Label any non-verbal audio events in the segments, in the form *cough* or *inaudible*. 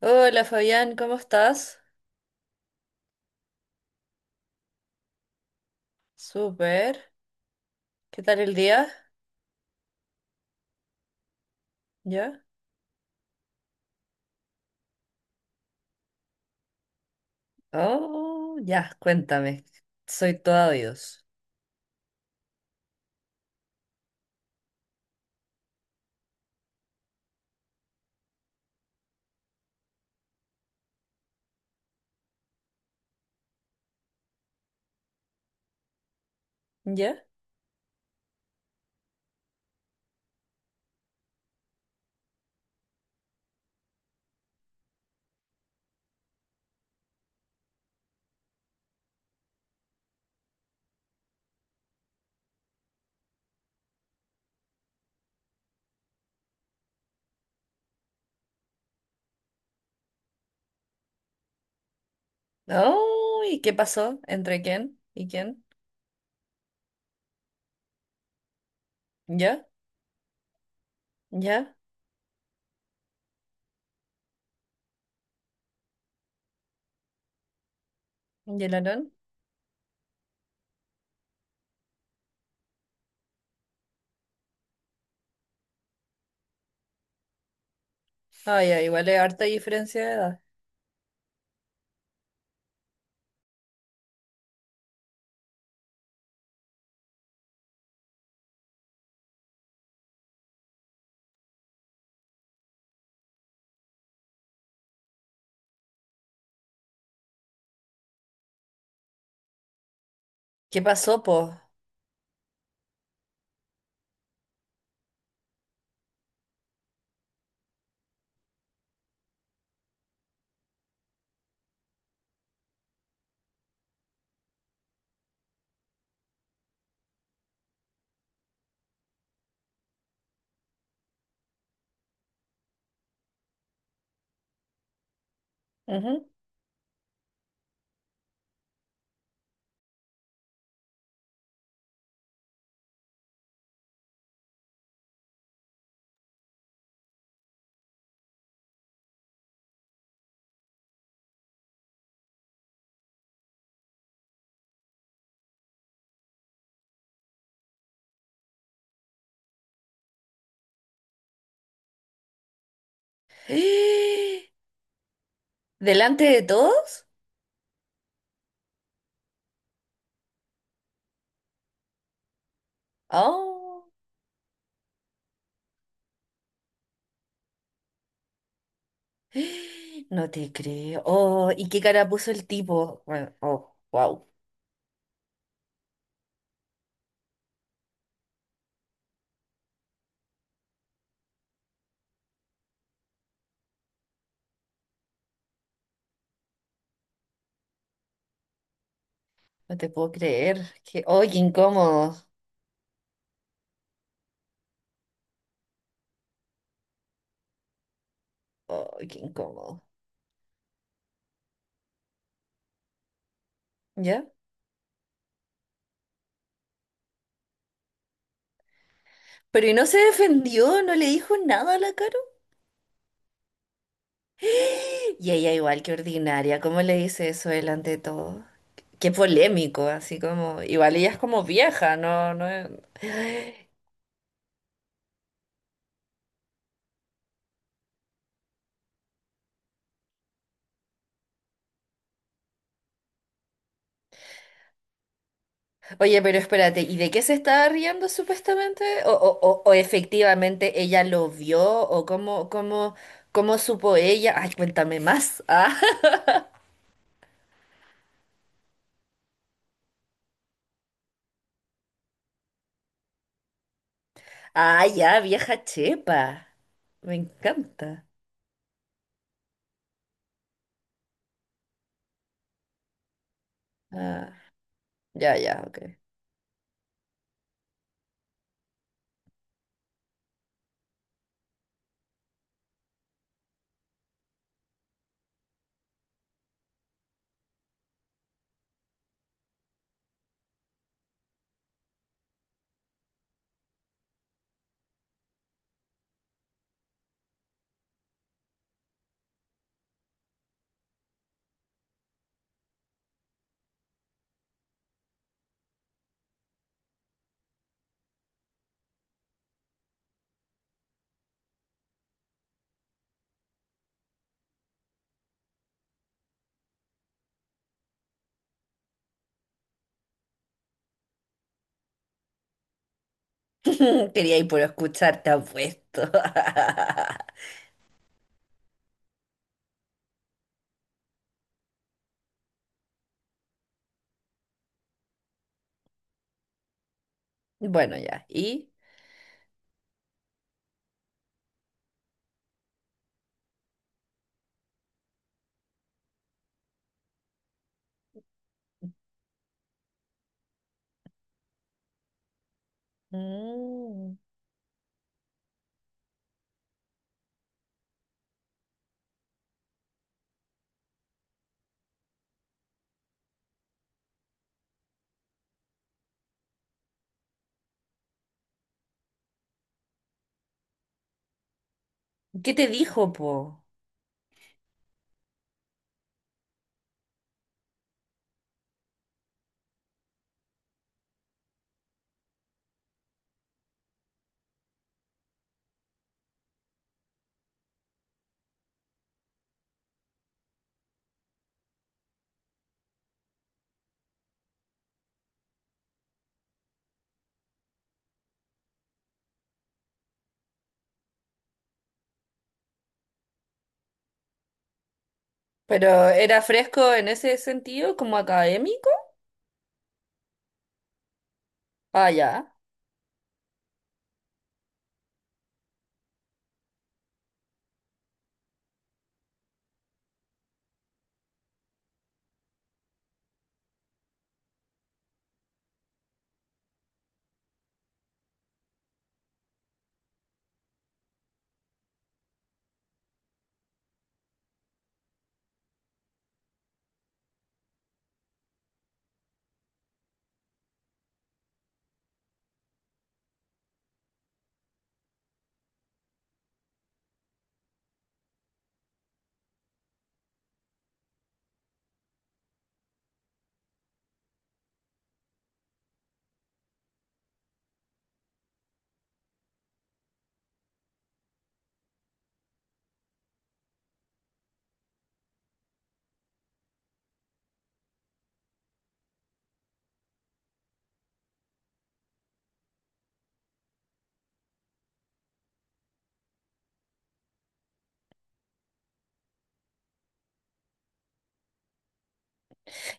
Hola Fabián, ¿cómo estás? Súper. ¿Qué tal el día? ¿Ya? Oh, ya, cuéntame. Soy todo oídos. ¿Ya? Oh, ¿y qué pasó? ¿Entre quién y quién? ¿Ya? ¿Ya? ¿Y el Aarón? Ah, ya, igual es harta diferencia de edad. ¿Qué pasó, po? Ujú. *gasps* ¡Eh! ¿Delante de todos? Oh, *gasps* ¡eh! No te creo. Oh, ¿y qué cara puso el tipo? Bueno, oh, wow. No te puedo creer. Que, ¡ay, qué incómodo! ¡Ay, qué incómodo! ¿Ya? Pero ¿y no se defendió? ¿No le dijo nada a la Caro? *gasps* Y ella igual que ordinaria, ¿cómo le dice eso delante de todo? Qué polémico, así como... Igual ella es como vieja, no, no... es- *gasps* *sighs* Oye, pero espérate, ¿y de qué se estaba riendo supuestamente? ¿O, o efectivamente ella lo vio? ¿O cómo, cómo, cómo supo ella? Ay, cuéntame más. *laughs* Ah, ya, vieja chepa. Me encanta. Ah, ya, ya, ok. *laughs* Quería ir por escuchar, te apuesto. *laughs* Bueno, ya. ¿Y? Mm. ¿Qué te dijo, po? ¿Pero era fresco en ese sentido, como académico? Ah, ya.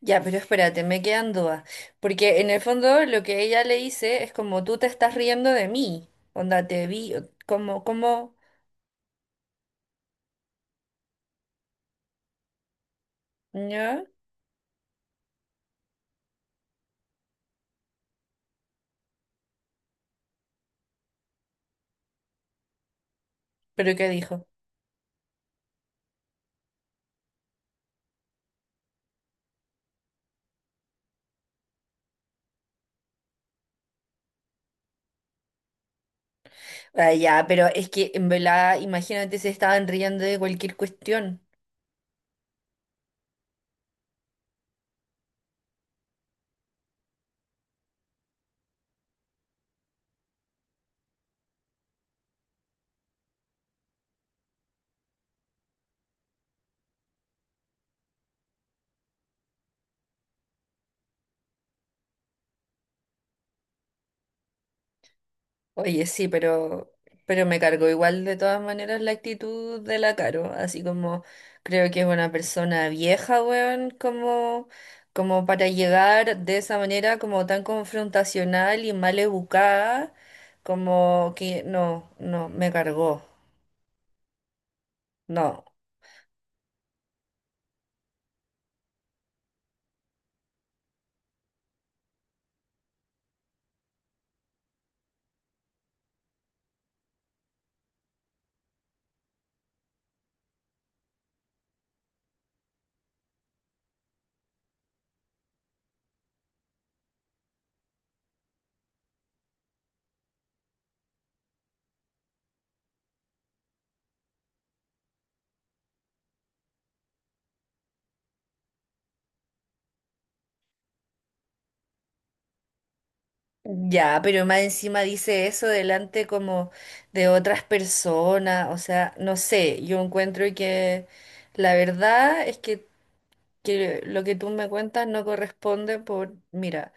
Ya, pero espérate, me quedan dudas. Porque en el fondo lo que ella le dice es como tú te estás riendo de mí. Onda, te vi, como, ¿ya? ¿Pero qué dijo? Ah, ya, pero es que en verdad, imagínate se estaban riendo de cualquier cuestión. Oye, sí, pero me cargó igual de todas maneras la actitud de la Caro. Así como creo que es una persona vieja, weón, como, como para llegar de esa manera como tan confrontacional y mal educada, como que no, no, me cargó. No. Ya, pero más encima dice eso delante como de otras personas, o sea, no sé, yo encuentro que la verdad es que lo que tú me cuentas no corresponde por, mira,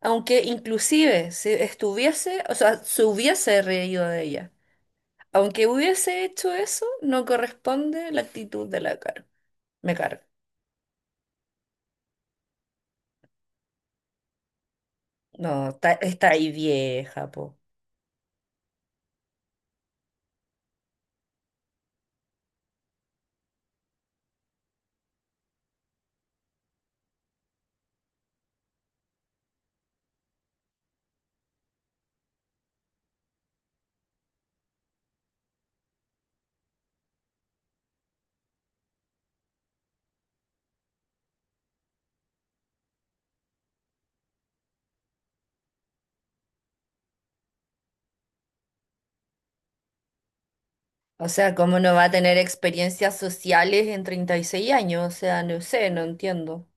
aunque inclusive si estuviese, o sea, se hubiese reído de ella, aunque hubiese hecho eso, no corresponde la actitud de la cara, me cargo. No, está, está ahí vieja, po. O sea, ¿cómo no va a tener experiencias sociales en 36 años? O sea, no sé, no entiendo.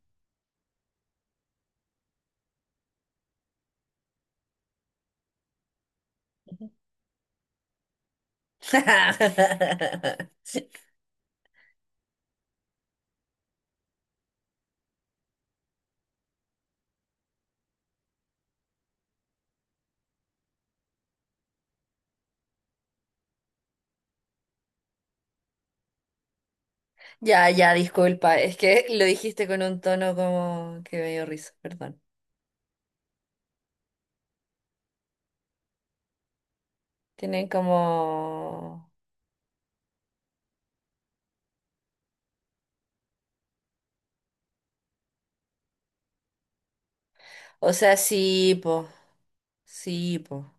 *laughs* Ya, ya, disculpa, es que lo dijiste con un tono como que me dio risa, perdón. Tienen como... O sea, sí, po, sí, po.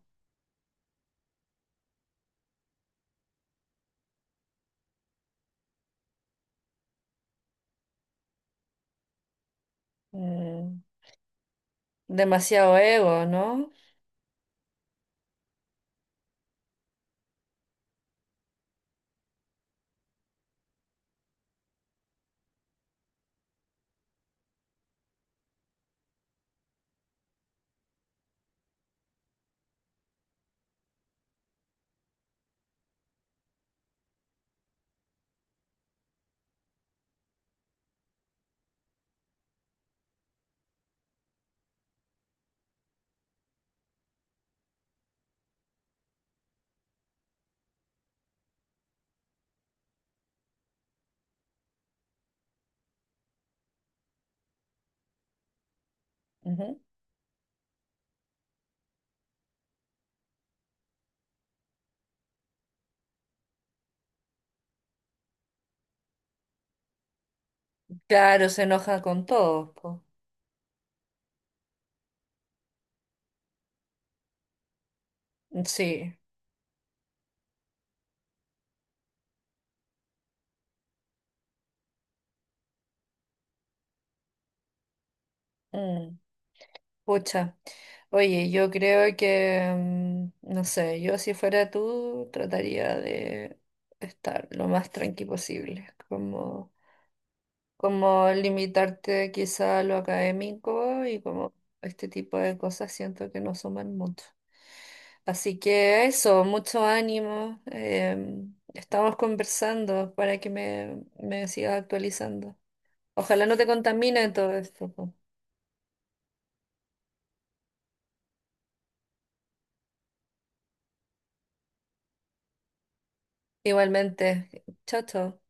Mm. Demasiado ego, ¿no? Ujú. Claro, se enoja con todos, po. Sí. Mm. Pucha, oye, yo creo que, mm, no sé, yo si fuera tú trataría de estar lo más tranqui posible, como, como limitarte quizá a lo académico y como este tipo de cosas siento que no suman mucho. Así que eso, mucho ánimo, em, estamos conversando para que me sigas actualizando. Ojalá no te contamine todo esto. Po. Igualmente, chao, chao.